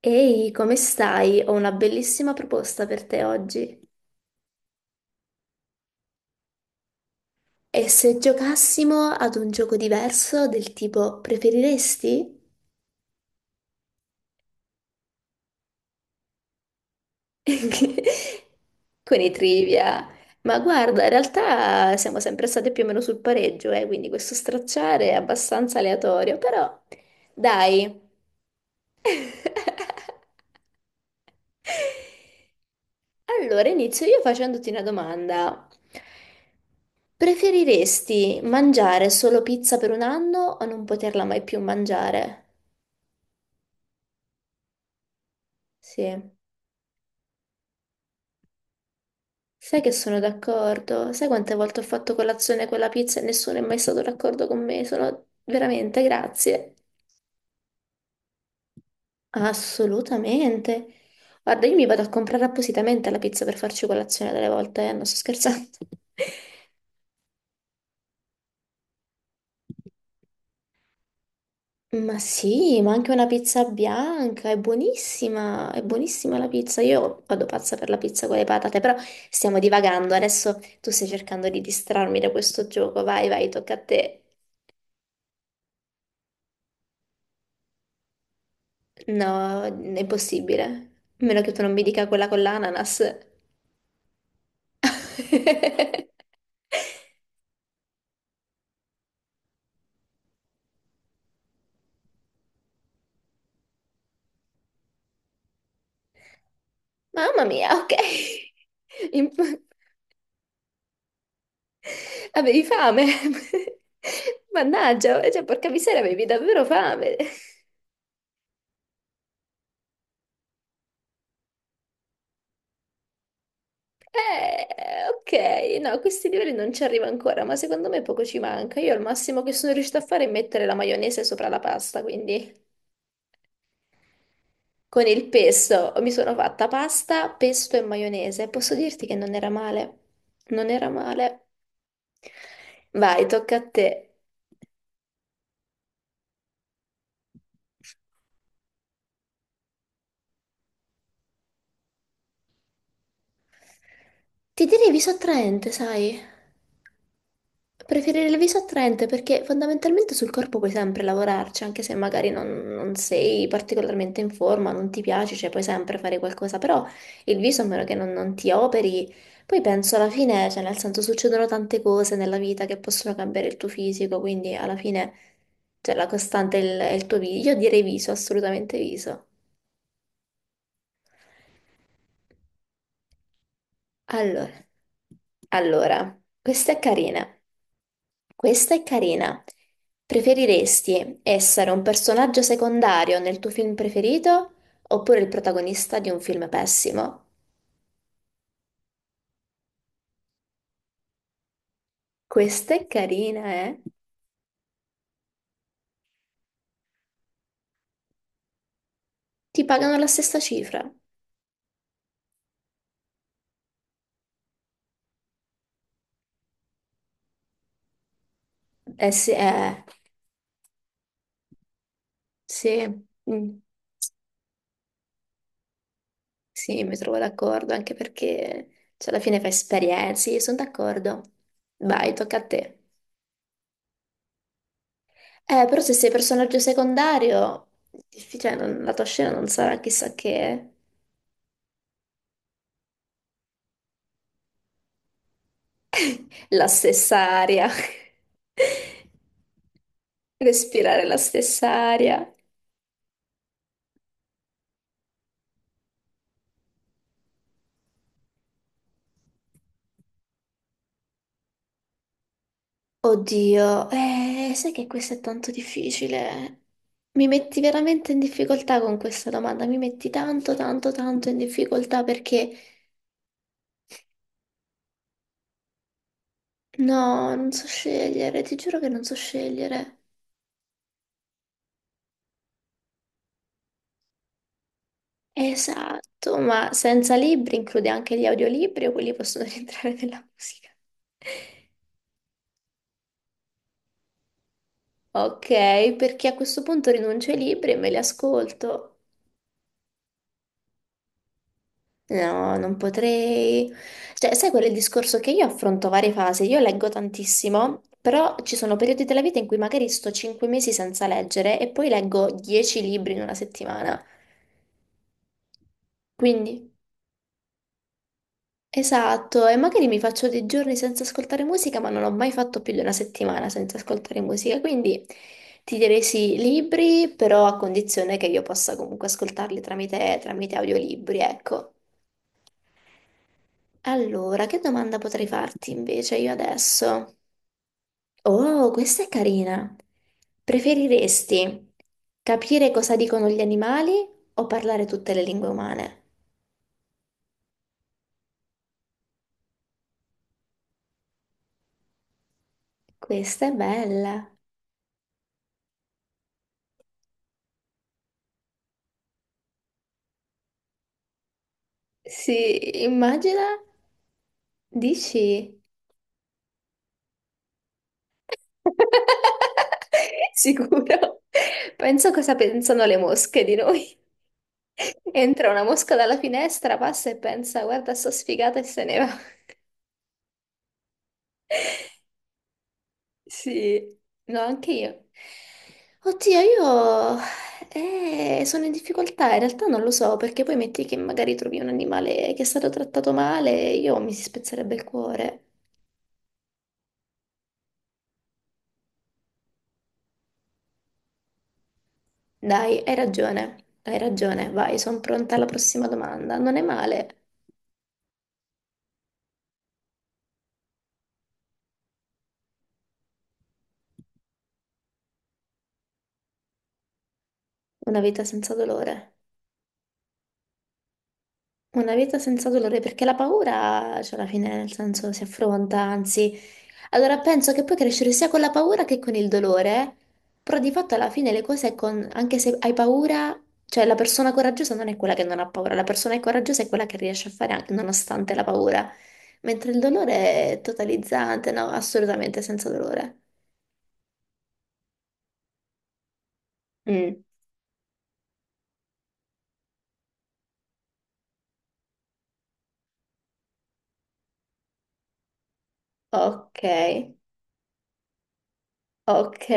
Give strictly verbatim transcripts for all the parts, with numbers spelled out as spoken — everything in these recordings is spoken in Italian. Ehi, come stai? Ho una bellissima proposta per te oggi. E se giocassimo ad un gioco diverso del tipo preferiresti? Con i trivia. Ma guarda, in realtà siamo sempre state più o meno sul pareggio, eh, quindi questo stracciare è abbastanza aleatorio, però dai. Allora, inizio io facendoti una domanda. Preferiresti mangiare solo pizza per un anno o non poterla mai più mangiare? Sì, sai che sono d'accordo. Sai quante volte ho fatto colazione con la pizza e nessuno è mai stato d'accordo con me? Sono veramente, grazie. Assolutamente. Guarda, io mi vado a comprare appositamente la pizza per farci colazione delle volte, eh. Non sto scherzando. Ma sì, ma anche una pizza bianca, è buonissima, è buonissima la pizza. Io vado pazza per la pizza con le patate, però stiamo divagando. Adesso tu stai cercando di distrarmi da questo gioco. Vai, vai, tocca a te. No, è impossibile. A meno che tu non mi dica quella con l'ananas. Mamma mia, ok. Imp- Avevi fame. Mannaggia, cioè, porca miseria, avevi davvero fame. Eh, ok, no, a questi livelli non ci arrivo ancora, ma secondo me poco ci manca. Io al massimo che sono riuscita a fare è mettere la maionese sopra la pasta, quindi con il pesto mi sono fatta pasta, pesto e maionese. Posso dirti che non era male. Non era male. Vai, tocca a te. Ti direvi sottraente, sai? Preferire il viso attraente perché fondamentalmente sul corpo puoi sempre lavorarci, anche se magari non, non sei particolarmente in forma, non ti piace, cioè puoi sempre fare qualcosa, però il viso a meno che non, non ti operi, poi penso alla fine, cioè nel senso succedono tante cose nella vita che possono cambiare il tuo fisico, quindi alla fine cioè, la costante è il, è il tuo viso, io direi viso, assolutamente viso. Allora, allora, questa è carina. Questa è carina. Preferiresti essere un personaggio secondario nel tuo film preferito oppure il protagonista di un film pessimo? Questa è carina, eh? Ti pagano la stessa cifra. Eh sì, eh, sì, Mm, sì, mi trovo d'accordo anche perché cioè, alla fine fai esperienze, io sono d'accordo. Vai, tocca a te. Eh, però se sei personaggio secondario, difficile, non- la tua scena non sarà chissà che, eh. La stessa aria, respirare la stessa aria. Oddio, eh, sai che questo è tanto difficile. Mi metti veramente in difficoltà con questa domanda, mi metti tanto, tanto, tanto in difficoltà perché no, non so scegliere, ti giuro che non so scegliere. Esatto, ma senza libri include anche gli audiolibri o quelli possono rientrare nella musica? Ok, perché a questo punto rinuncio ai libri e me li ascolto. No, non potrei. Cioè, sai quel discorso che io affronto varie fasi? Io leggo tantissimo, però ci sono periodi della vita in cui magari sto cinque mesi senza leggere e poi leggo dieci libri in una settimana. Quindi, esatto, e magari mi faccio dei giorni senza ascoltare musica, ma non ho mai fatto più di una settimana senza ascoltare musica, quindi ti direi sì, libri, però a condizione che io possa comunque ascoltarli tramite, tramite audiolibri, ecco. Allora, che domanda potrei farti invece io adesso? Oh, questa è carina. Preferiresti capire cosa dicono gli animali o parlare tutte le lingue umane? Questa è bella. Sì, immagina, dici? Sicuro. Penso cosa pensano le mosche di noi. Entra una mosca dalla finestra, passa e pensa, guarda, sto sfigata e se ne va. Sì, no, anche io. Oddio, io eh, sono in difficoltà, in realtà non lo so, perché poi metti che magari trovi un animale che è stato trattato male, io mi si spezzerebbe il cuore. Dai, hai ragione, hai ragione, vai, sono pronta alla prossima domanda. Non è male. Una vita senza dolore. Una vita senza dolore, perché la paura, cioè alla fine, nel senso, si affronta, anzi. Allora penso che puoi crescere sia con la paura che con il dolore, però di fatto alla fine le cose con... anche se hai paura, cioè la persona coraggiosa non è quella che non ha paura, la persona coraggiosa è quella che riesce a fare anche nonostante la paura, mentre il dolore è totalizzante, no, assolutamente senza dolore. Mm, ok, ok.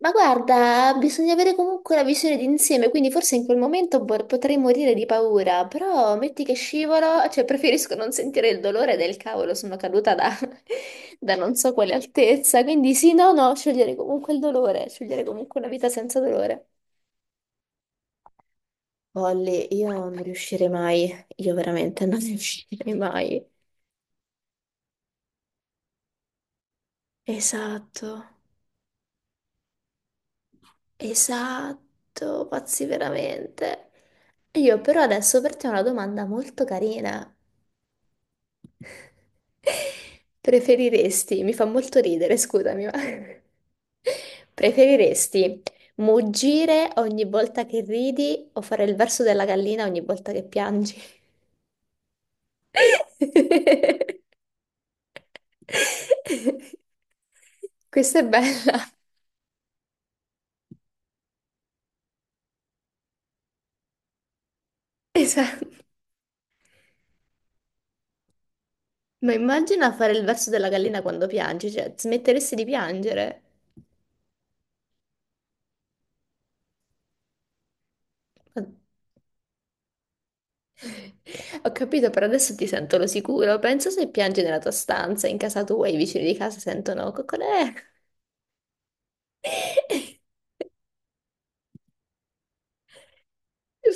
Ma guarda, bisogna avere comunque la visione d'insieme, quindi forse in quel momento vor- potrei morire di paura, però metti che scivolo, cioè preferisco non sentire il dolore del cavolo, sono caduta da, da non so quale altezza, quindi sì, no, no, scegliere comunque il dolore, scegliere comunque una vita senza dolore. Olli, io non riuscirei mai, io veramente non riuscirei mai. Esatto, esatto, pazzi veramente. Io però adesso per te ho una domanda molto carina. Preferiresti, mi fa molto ridere, scusami, ma preferiresti muggire ogni volta che ridi o fare il verso della gallina ogni volta che piangi? Questa è bella. Esatto. Ma immagina fare il verso della gallina quando piangi, cioè smetteresti di piangere. Ho capito, però adesso ti sento lo sicuro. Penso se piangi nella tua stanza, in casa tua, i vicini di casa sentono coccolè.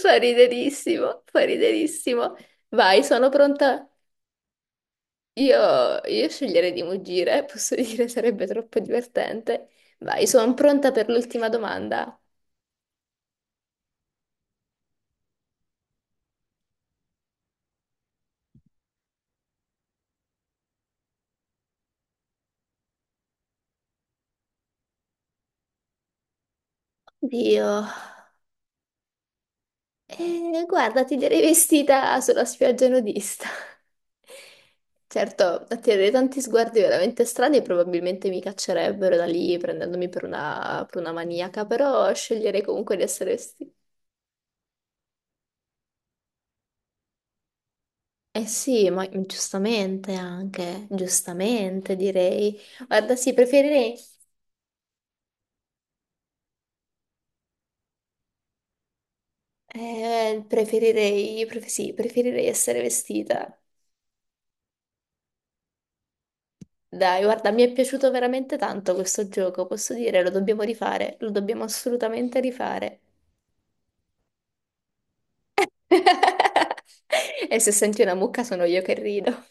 Fa riderissimo, fa riderissimo. Vai, sono pronta. Io, io sceglierei di muggire, posso dire, sarebbe troppo divertente. Vai, sono pronta per l'ultima domanda. Dio. Eh, guarda, ti direi vestita sulla spiaggia nudista. Certo, attirerei tanti sguardi veramente strani e probabilmente mi caccerebbero da lì prendendomi per una, per una maniaca, però sceglierei comunque di essere vestita. Eh sì, ma giustamente anche, giustamente direi. Guarda, sì, preferirei, eh, preferirei, pref- sì, preferirei essere vestita. Dai, guarda, mi è piaciuto veramente tanto questo gioco, posso dire, lo dobbiamo rifare, lo dobbiamo assolutamente rifare. E se senti una mucca sono io che rido.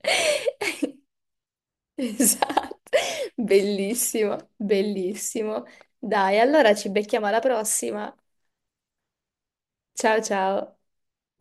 Esatto, bellissimo, bellissimo. Dai, allora ci becchiamo alla prossima. Ciao ciao.